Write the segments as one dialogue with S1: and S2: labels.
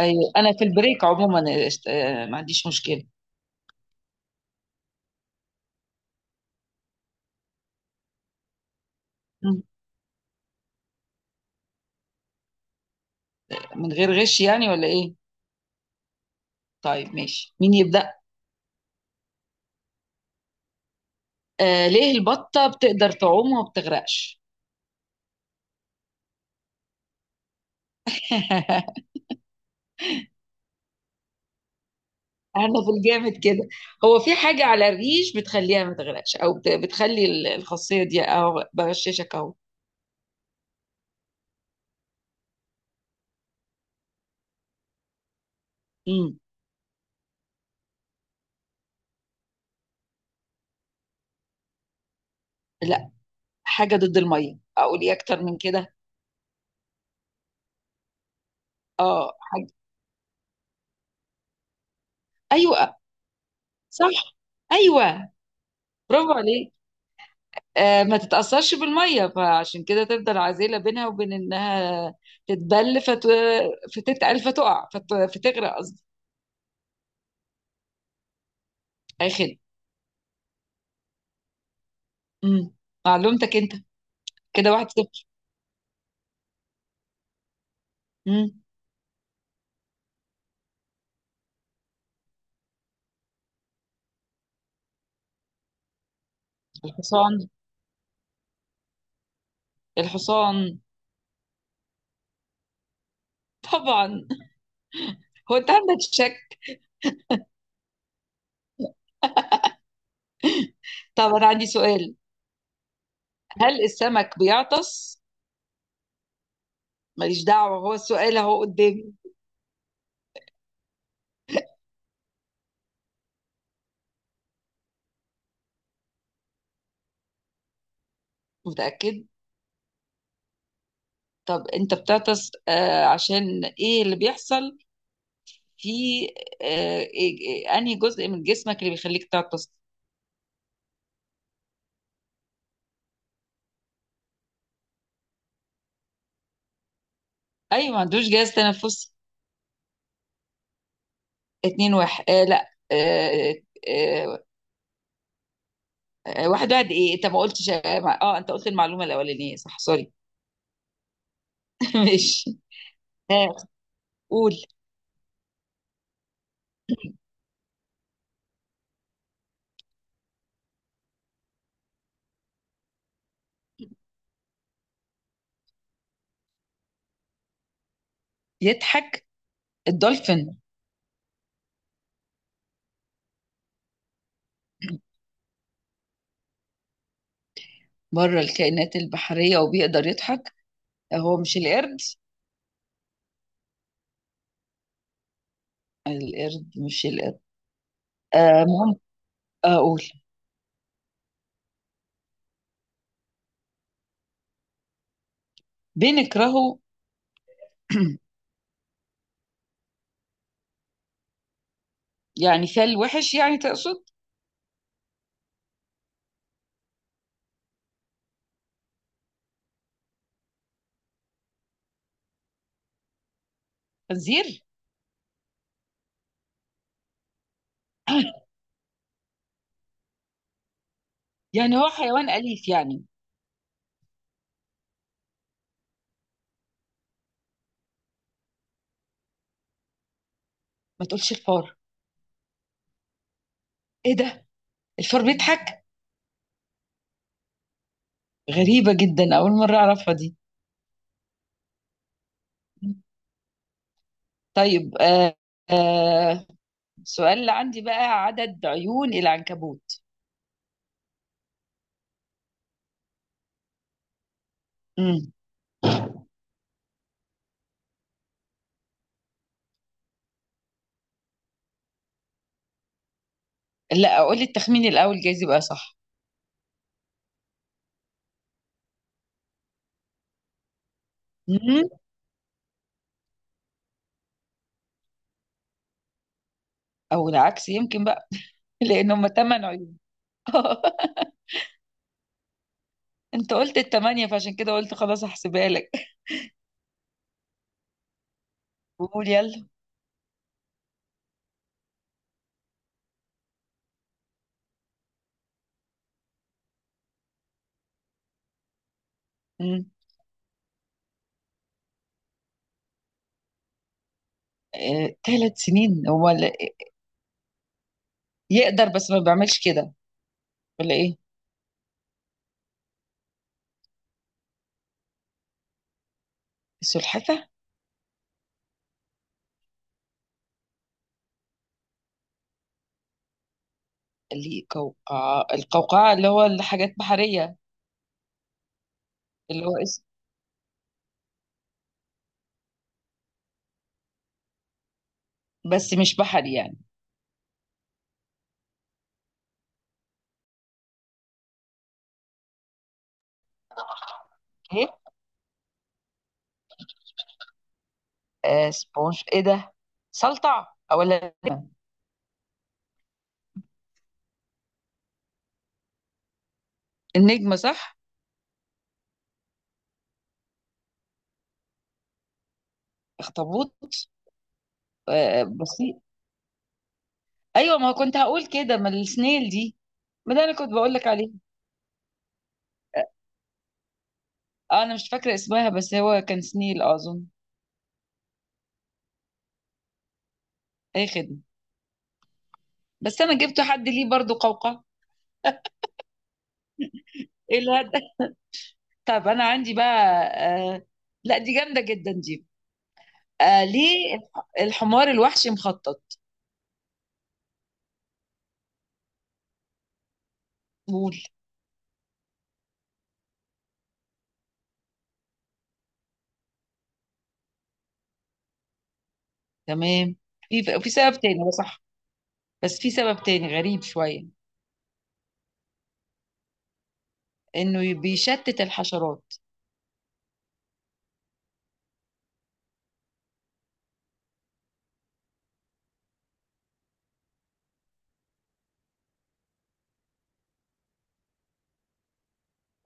S1: أيوة. انا في البريك عموما، ما عنديش مشكله. مم. من غير غش يعني ولا ايه؟ طيب، ماشي، مين يبدا؟ ليه البطه بتقدر تعوم وما بتغرقش؟ انا في الجامد كده. هو في حاجه على الريش بتخليها ما تغرقش، او بتخلي الخاصيه دي اهو بغششك اهو. مم. لا. حاجه ضد الميه، اقول ايه اكتر من كده؟ اه، حاجه. ايوه. صح. ايوه. برافو عليك. ما تتأثرش بالمية، فعشان كده تفضل عازلة بينها وبين إنها تتبل فتتقل فتقع فتغرق قصدي. آخر. مم. معلومتك أنت. كده 1-0. مم. الحصان. الحصان. طبعا. هو أنت عندك شك؟ طب أنا عندي سؤال. هل السمك بيعطس؟ ماليش دعوة، هو السؤال أهو قدامي. متأكد؟ طب أنت بتعطس، عشان إيه اللي بيحصل في آه إيه- إيه- أنهي جزء من جسمك اللي بيخليك تعطس؟ ايوه، ما عندوش جهاز تنفس. 2-1، لا، آه آه، 1-1، ايه انت ما قلتش، انت قلت المعلومه الاولانيه، صح، سوري. ماشي. آه قول. يضحك. الدولفين. بره الكائنات البحريه وبيقدر يضحك. هو مش القرد؟ القرد، مش القرد؟ مهم. قول. بنكرهه. يعني فال وحش يعني تقصد؟ خنزير. يعني هو حيوان اليف يعني؟ ما تقولش الفار. ايه ده؟ الفار بيضحك؟ غريبه جدا، اول مره اعرفها دي. طيب. آه سؤال اللي عندي بقى عدد عيون العنكبوت. مم. لا، اقول لي التخمين الاول جايز يبقى صح. مم. او العكس يمكن بقى. لان هم 8 عيون. انت قلت الثمانيه فعشان كده قلت خلاص هحسبها لك. قول يلا. مم. 3 سنين، هو يقدر بس ما بيعملش كده، ولا ايه؟ السلحفه. اللي قوقعه، القوقعه اللي هو الحاجات بحريه. اللي هو اسم. بس مش بحري يعني. سبونج ايه ده؟ سلطع ولا نجمة؟ النجمة صح؟ اخطبوط. بسيط. ايوه، ما كنت هقول كده، ما السنيل دي. ما ده انا كنت بقول لك عليه. انا مش فاكرة اسمها، بس هو كان سنيل اظن. اي خدمة. بس انا جبت حد ليه برضو قوقعة. ايه الهدف؟ طب انا عندي بقى. آه لا، دي جامدة جدا دي. ليه الحمار الوحشي مخطط؟ قول. تمام. في سبب تاني هو صح. بس في سبب تاني غريب شوية. انه بيشتت الحشرات.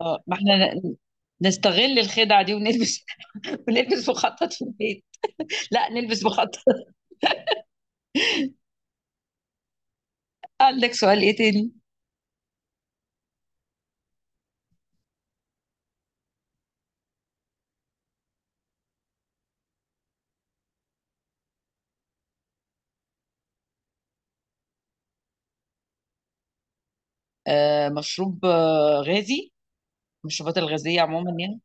S1: اه، ما احنا نستغل الخدعة دي ونلبس. ونلبس مخطط في البيت. لا، نلبس مخطط. عندك سؤال ايه تاني؟ مشروب غازي؟ المشروبات الغازية عموما يعني؟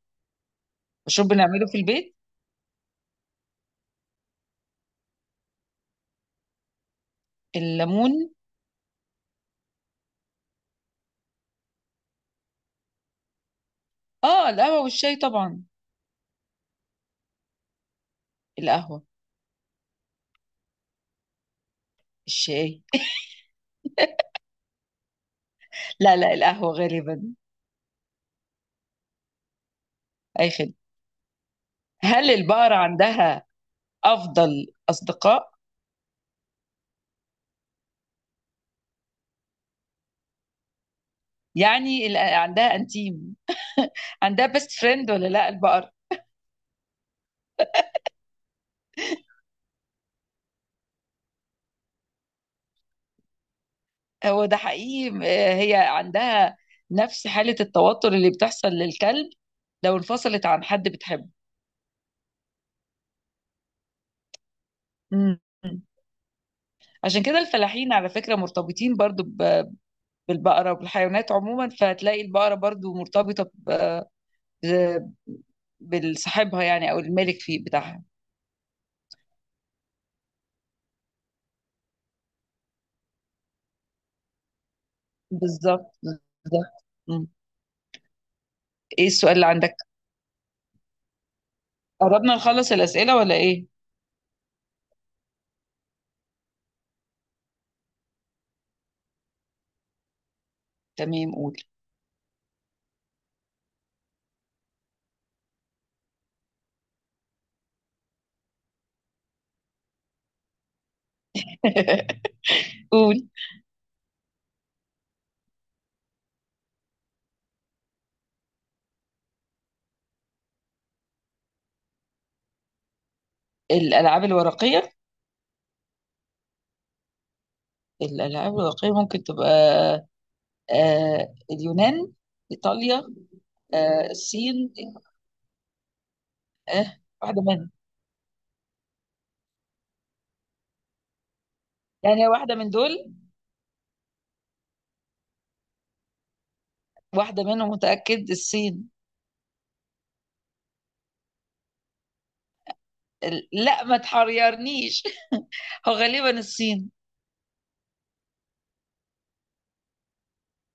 S1: مشروب بنعمله في البيت؟ الليمون. اه، القهوة والشاي طبعا. القهوة. الشاي. لا لا، القهوة غالبا. اي خدمة. هل البقرة عندها افضل اصدقاء؟ يعني عندها انتيم، عندها بيست فريند ولا لا البقرة؟ هو ده حقيقي. هي عندها نفس حالة التوتر اللي بتحصل للكلب لو انفصلت عن حد بتحبه. مم. عشان كده الفلاحين على فكرة مرتبطين برضو بالبقرة وبالحيوانات عموما، فهتلاقي البقرة برضو مرتبطة ب- بالصاحبها يعني، أو الملك فيه بتاعها. بالظبط. بالظبط. مم. ايه السؤال اللي عندك؟ قربنا نخلص الأسئلة ولا ايه؟ تمام، قول. قول. الألعاب الورقية؟ الألعاب الورقية ممكن تبقى اليونان، ايطاليا، الصين. واحده منهم. يعني واحده من دول. واحده منهم، متاكد الصين. لا، ما تحيرنيش. هو غالبا الصين.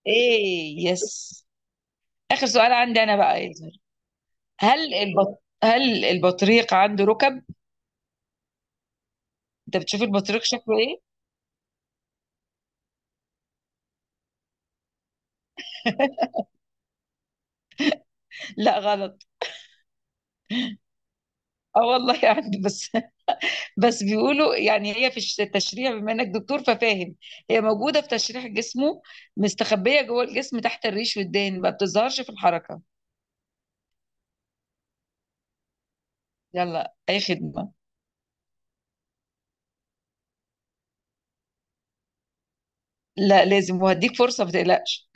S1: ايه، يس. اخر سؤال عندي انا بقى يا زهر. هل البطريق عنده ركب؟ انت بتشوف البطريق شكله ايه؟ لا، غلط. اه والله عنده، بس بس بيقولوا يعني، هي في التشريح، بما انك دكتور ففاهم. هي موجوده في تشريح جسمه، مستخبيه جوه الجسم تحت الريش والدهن، ما بتظهرش في الحركه. يلا، اي خدمه. لا لازم، وهديك فرصه ما تقلقش.